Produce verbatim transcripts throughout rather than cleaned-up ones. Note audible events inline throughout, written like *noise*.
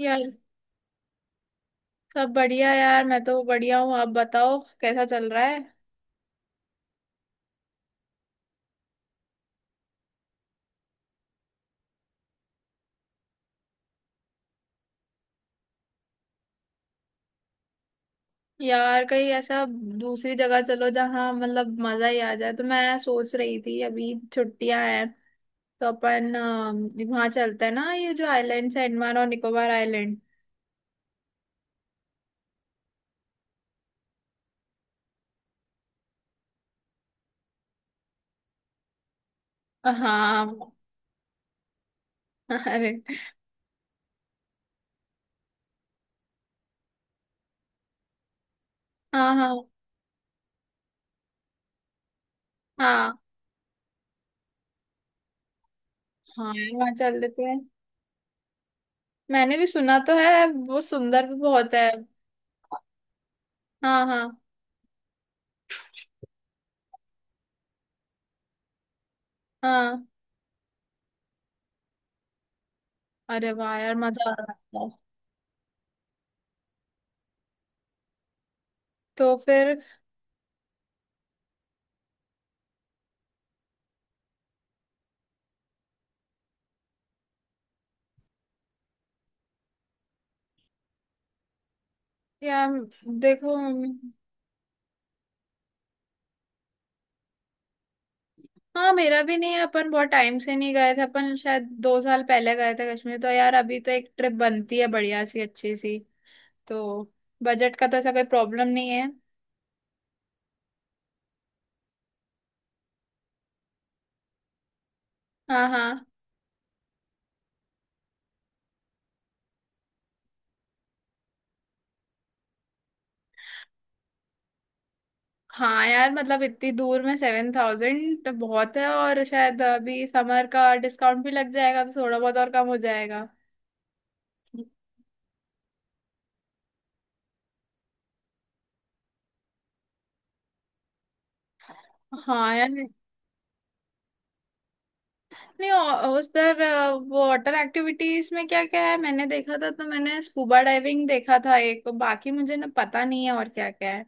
यार, सब बढ़िया। यार मैं तो बढ़िया हूँ। आप बताओ कैसा चल रहा है। यार कहीं ऐसा दूसरी जगह चलो जहाँ मतलब मजा ही आ जाए। तो मैं सोच रही थी अभी छुट्टियां हैं। तो अपन अ, वहाँ चलते हैं ना, ये जो आइलैंड्स है, अंडमान और निकोबार आइलैंड। हाँ। अरे हाँ, हाँ, हाँ। हाँ यार, वहाँ चल देते हैं। मैंने भी सुना तो है, वो सुंदर भी बहुत है। हाँ, हाँ, हाँ। अरे वाह यार, मजा आ रहा है। तो फिर। यार देखो। हाँ, मेरा भी नहीं है। अपन बहुत टाइम से नहीं गए थे, अपन शायद दो साल पहले गए थे कश्मीर। तो यार अभी तो एक ट्रिप बनती है बढ़िया सी अच्छी सी। तो बजट का तो ऐसा कोई प्रॉब्लम नहीं है। हाँ, हाँ। हाँ यार, मतलब इतनी दूर में सेवन थाउजेंड तो बहुत है। और शायद अभी समर का डिस्काउंट भी लग जाएगा, तो थोड़ा बहुत और कम हो जाएगा। हाँ यार। नहीं, औ- उधर अ, वो वाटर एक्टिविटीज में क्या क्या है, मैंने देखा था तो मैंने स्कूबा डाइविंग देखा था एक। बाकी मुझे ना पता नहीं है और क्या क्या है।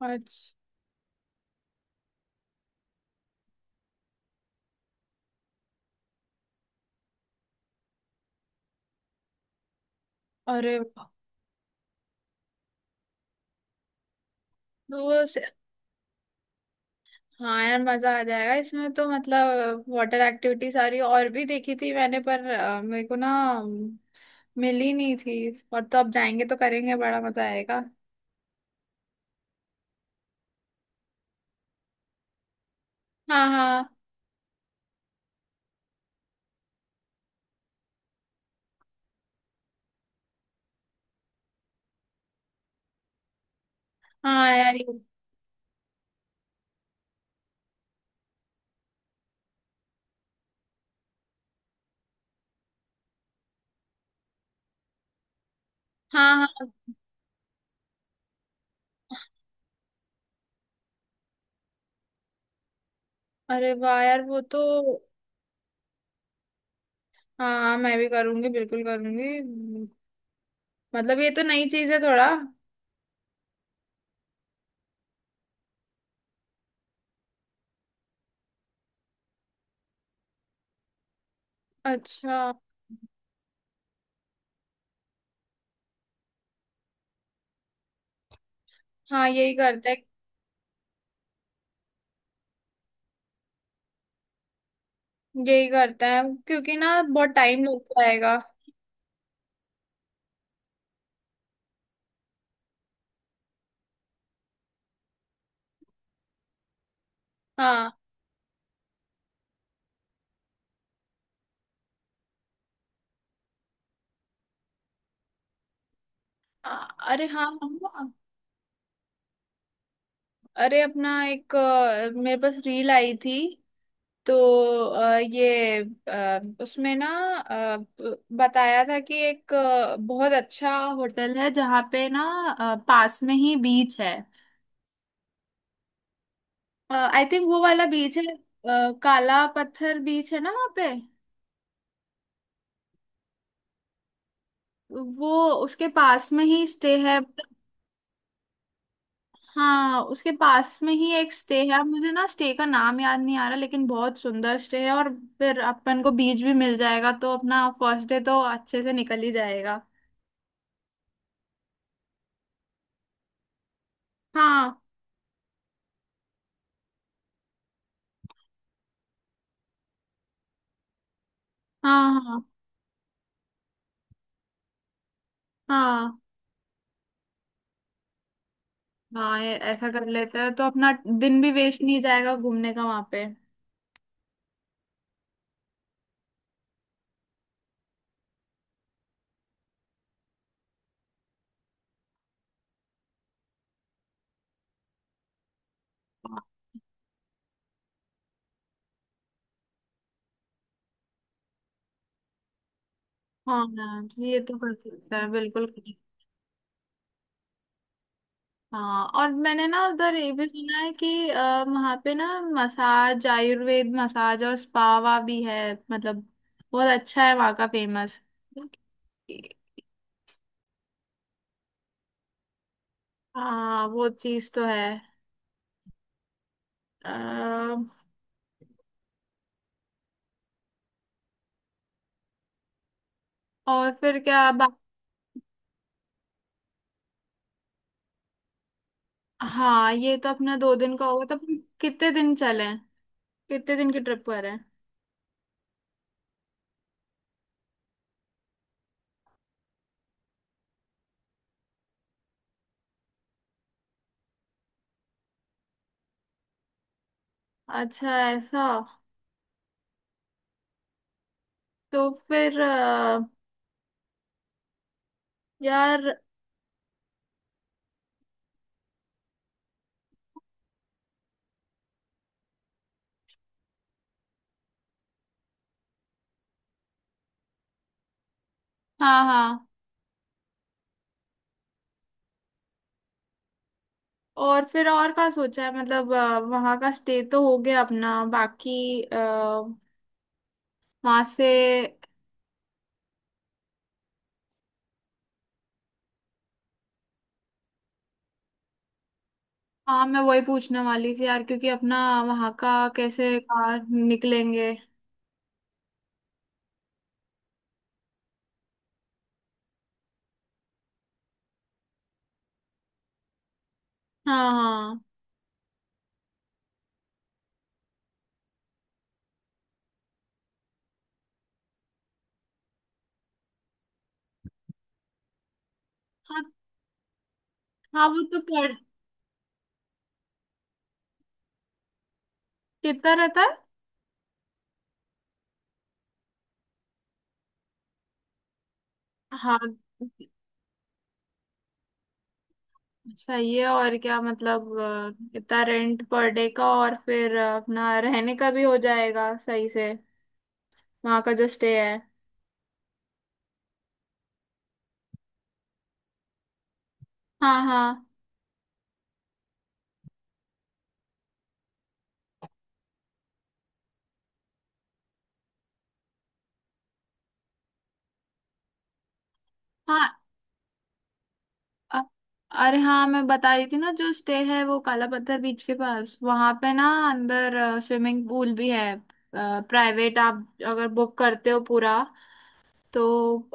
अच्छा। अरे वाह। तो वो। से- हाँ यार, मजा आ जाएगा इसमें तो। मतलब वाटर एक्टिविटी सारी और भी देखी थी मैंने, पर अ, मेरे को ना अम, मिली नहीं थी। और तो अब जाएंगे तो करेंगे, बड़ा मजा आएगा। हाँ, हाँ। हाँ यार। ये- हाँ, हाँ। अरे वाह यार, वो तो। हाँ, हाँ, मैं भी करूंगी बिल्कुल करूंगी। मतलब ये तो नई चीज है थोड़ा। अच्छा। हाँ यही करते हैं। यही करते हैं क्योंकि ना बहुत टाइम लग जाएगा। हाँ। अ- अरे हाँ। अरे अपना एक अ, मेरे पास रील आई थी। तो अ, ये अ, उसमें ना अ, ब- बताया था कि एक अ, बहुत अच्छा होटल है, जहाँ पे ना अ, पास में ही बीच है। आई थिंक वो वाला बीच है, अ, काला पत्थर बीच है ना वहाँ पे। वो उसके पास में ही स्टे है। हाँ, उसके पास में ही एक स्टे है। अब मुझे ना स्टे का नाम याद नहीं आ रहा, लेकिन बहुत सुंदर स्टे है। और फिर अपन को बीच भी मिल जाएगा, तो अपना फर्स्ट डे तो अच्छे से निकल ही जाएगा। हाँ, हाँ, हाँ, हाँ। हाँ, ये ऐसा कर लेते हैं तो अपना दिन भी वेस्ट नहीं जाएगा घूमने का वहाँ पे। हाँ, हाँ, ये तो कर सकते हैं बिल्कुल। हाँ, और मैंने ना उधर ये भी सुना है कि आ, वहाँ पे ना मसाज, आयुर्वेद मसाज और स्पावा भी है। मतलब बहुत अच्छा है वहाँ का, फेमस। हाँ वो चीज तो है। आ, और फिर क्या। बा... हाँ ये तो अपना दो दिन का होगा, तो अपन कितने दिन चले? कितने दिन की ट्रिप करें? अच्छा, ऐसा। तो फिर अ, यार। हाँ, हाँ। और फिर और का सोचा है? मतलब अ, वहाँ का स्टे तो हो गया अपना, बाकी अ, वहाँ से। हाँ, मैं वही पूछने वाली थी यार, क्योंकि अपना वहाँ का कैसे कार निकलेंगे। हाँ, हाँ, हाँ। हाँ वो तो। पर। कितना रहता है? हाँ सही है। और क्या मतलब अ, इतना रेंट पर डे का, और फिर अ, अपना रहने का भी हो जाएगा सही से वहाँ का जो स्टे है। हाँ, हाँ, हाँ। अ- अरे हाँ, मैं बता रही थी ना, जो स्टे है वो काला पत्थर बीच के पास, वहां पे ना अंदर स्विमिंग पूल भी है प्राइवेट। आप अगर बुक करते हो पूरा, तो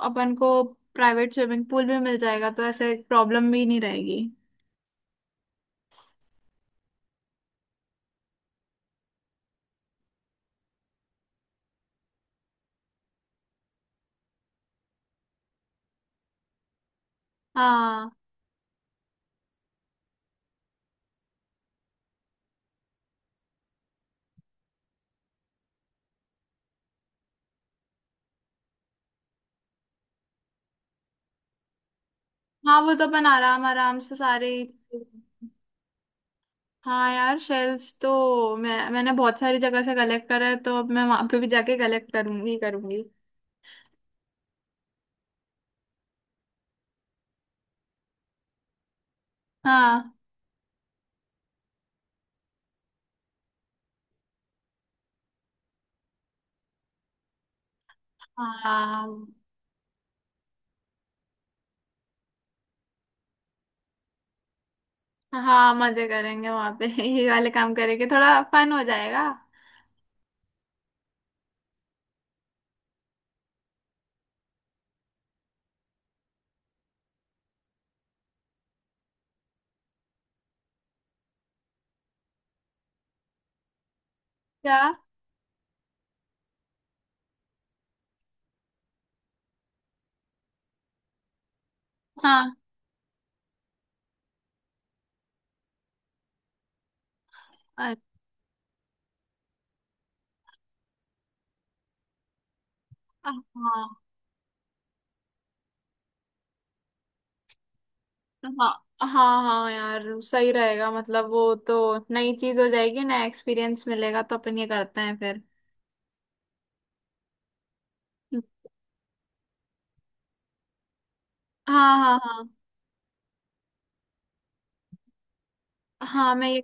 अपन को प्राइवेट स्विमिंग पूल भी मिल जाएगा, तो ऐसे प्रॉब्लम भी नहीं रहेगी। हाँ, हाँ वो तो। अपन आराम आराम से सारे। हाँ यार, शेल्स तो मैं मैंने बहुत सारी जगह से कलेक्ट करा है, तो अब मैं वहां पे भी जाके कलेक्ट करूंगी करूंगी। हाँ, हाँ, हाँ मजे करेंगे वहां पे *laughs* ये वाले काम करेंगे, थोड़ा फन हो जाएगा। क्या? हाँ। अ- हाँ, हाँ, हाँ। हाँ यार सही रहेगा, मतलब वो तो नई चीज हो जाएगी, नया एक्सपीरियंस मिलेगा, तो अपन ये करते हैं फिर। हाँ, हाँ, हाँ। हाँ मैं ये।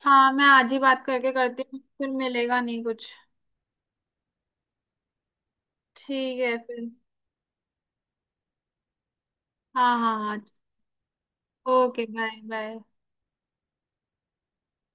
हाँ मैं आज ही बात करके करती हूँ, फिर मिलेगा नहीं कुछ। ठीक है फिर। हाँ, हाँ, हाँ। Okay bye bye.